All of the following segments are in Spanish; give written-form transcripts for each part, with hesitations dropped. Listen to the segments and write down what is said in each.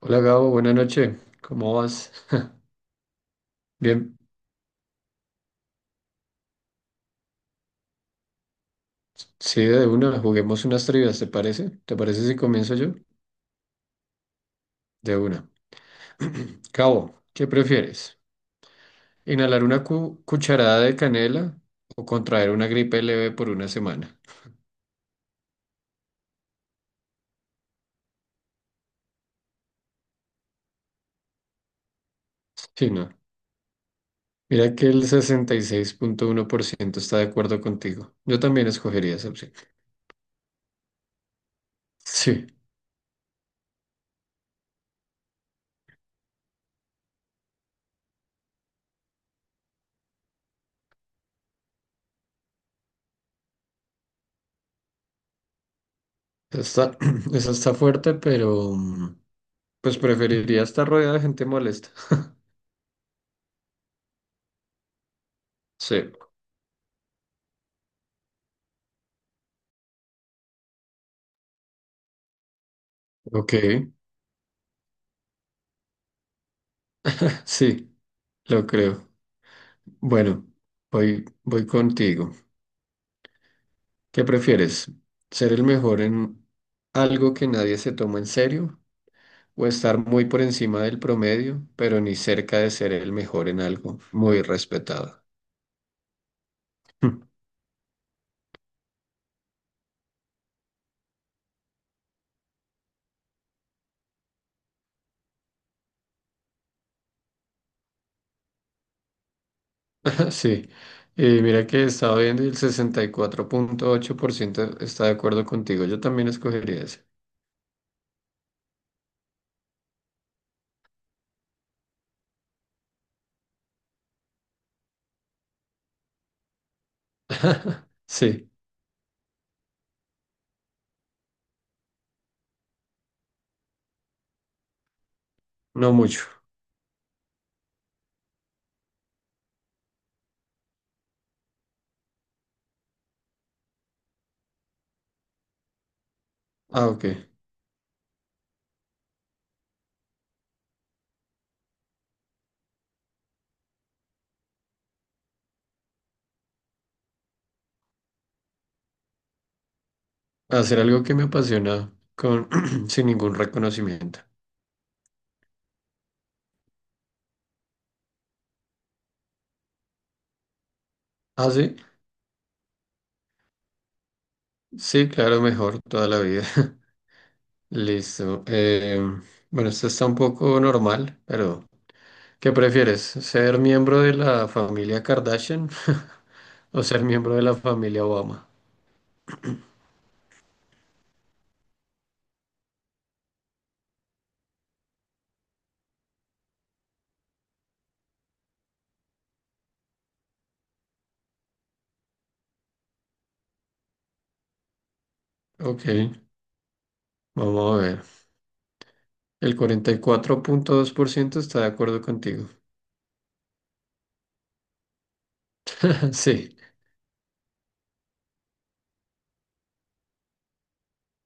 Hola Gabo, buenas noches. ¿Cómo vas? Bien, sí, de una, juguemos unas trivias, ¿te parece? ¿Te parece si comienzo yo? De una. Gabo, ¿qué prefieres? ¿Inhalar una cucharada de canela o contraer una gripe leve por una semana? Sí, no. Mira que el 66.1% está de acuerdo contigo. Yo también escogería esa opción. Sí, está, esa está fuerte, pero pues preferiría estar rodeada de gente molesta. Sí, ok, sí. Lo creo. Bueno, voy contigo. ¿Qué prefieres? ¿Ser el mejor en algo que nadie se toma en serio? ¿O estar muy por encima del promedio, pero ni cerca de ser el mejor en algo muy respetado? Sí. Y mira que estaba viendo y el 64.8% está de acuerdo contigo. Yo también escogería ese. Sí, no mucho. Ah, ok. Hacer algo que me apasiona con sin ningún reconocimiento. Ah, sí. Sí, claro, mejor toda la vida. Listo. Bueno, esto está un poco normal, pero ¿qué prefieres? ¿Ser miembro de la familia Kardashian o ser miembro de la familia Obama? Ok, vamos a ver. El 44.2% está de acuerdo contigo. Sí,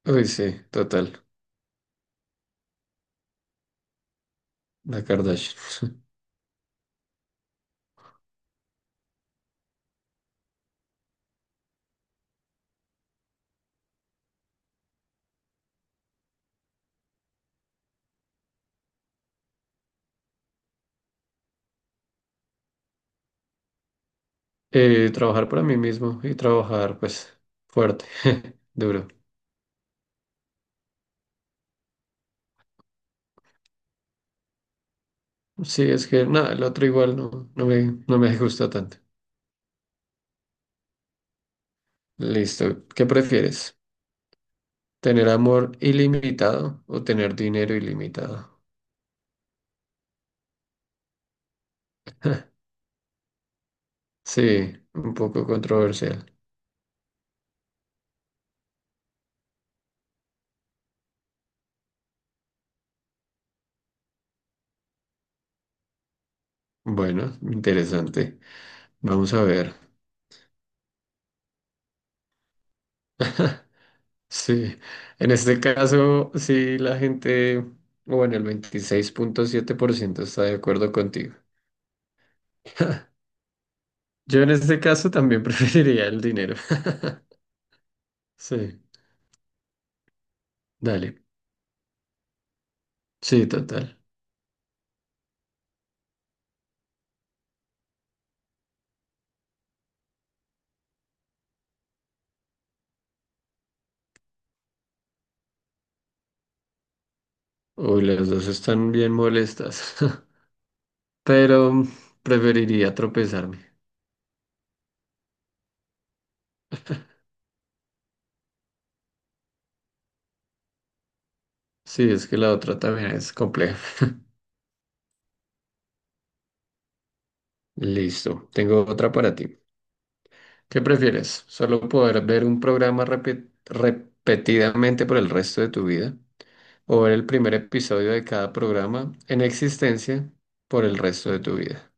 uy, sí, total. La Kardashian. Trabajar para mí mismo y trabajar, pues, fuerte, duro. Sí, es que nada, el otro igual no, no me gusta tanto. Listo. ¿Qué prefieres? ¿Tener amor ilimitado o tener dinero ilimitado? Sí, un poco controversial. Bueno, interesante. Vamos a ver. Sí, en este caso, sí, la gente, bueno, el 26.7% está de acuerdo contigo. Yo en este caso también preferiría el dinero. Sí, dale. Sí, total. Uy, las dos están bien molestas, pero preferiría tropezarme. Sí, es que la otra también es compleja. Listo, tengo otra para ti. ¿Qué prefieres? ¿Solo poder ver un programa repetidamente por el resto de tu vida? ¿O ver el primer episodio de cada programa en existencia por el resto de tu vida?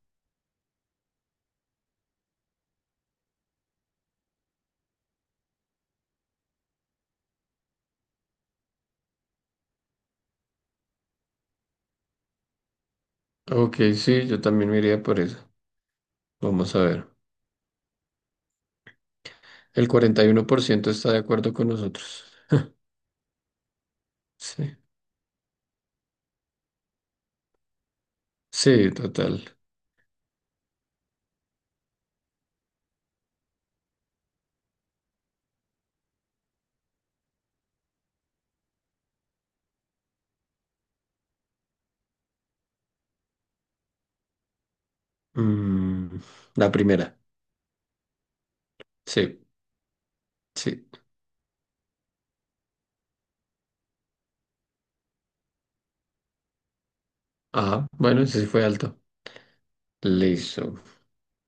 Ok, sí, yo también me iría por eso. Vamos a ver. El 41% está de acuerdo con nosotros. Sí, sí, total. Mm, la primera. Sí, sí. Ah, bueno, ese sí fue alto. Listo.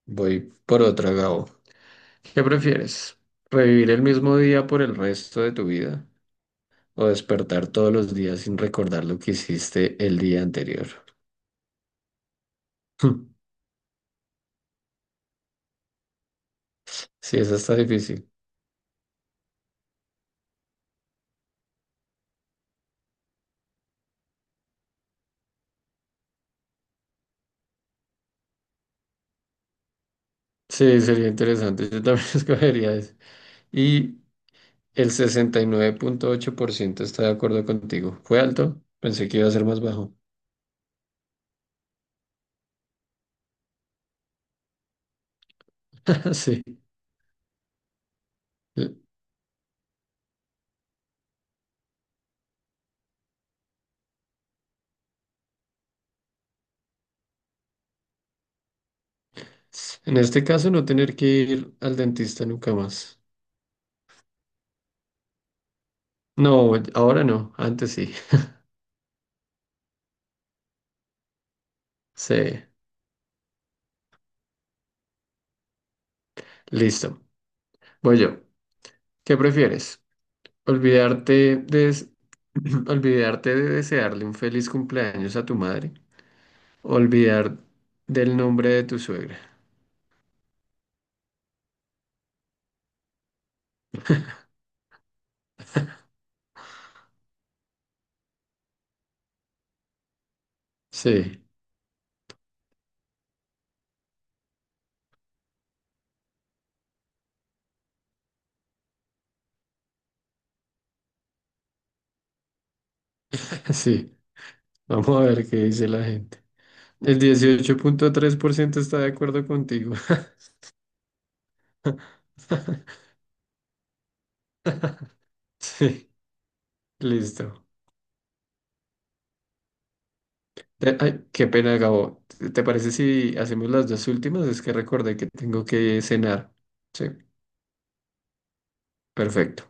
Voy por otra, Gabo. ¿Qué prefieres? ¿Revivir el mismo día por el resto de tu vida o despertar todos los días sin recordar lo que hiciste el día anterior? Hmm, sí, esa está difícil. Sí, sería interesante. Yo también escogería eso. Y el 69.8% está de acuerdo contigo. Fue alto, pensé que iba a ser más bajo. Sí. En este caso, no tener que ir al dentista nunca más. No, ahora no, antes sí. Sí, listo. Voy yo. ¿Qué prefieres? ¿Olvidarte de, des- olvidarte de desearle un feliz cumpleaños a tu madre? ¿Olvidar del nombre de tu suegra? Sí, sí. Vamos a ver qué dice la gente. El 18.3% está de acuerdo contigo. Sí, listo. Ay, qué pena, Gabo. ¿Te parece si hacemos las dos últimas? Es que recordé que tengo que cenar. Sí, perfecto.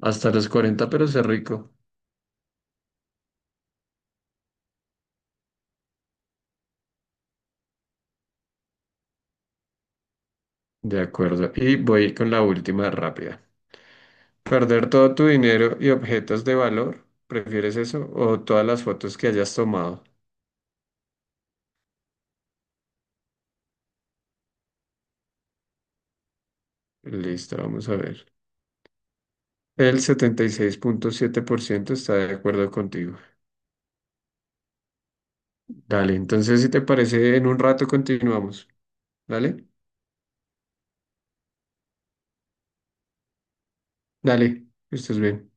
Hasta los 40, pero sé rico. De acuerdo. Y voy con la última rápida. ¿Perder todo tu dinero y objetos de valor? ¿Prefieres eso? ¿O todas las fotos que hayas tomado? Listo, vamos a ver. El 76.7% está de acuerdo contigo. Dale, entonces si te parece, en un rato continuamos. Dale, dale, que estés bien.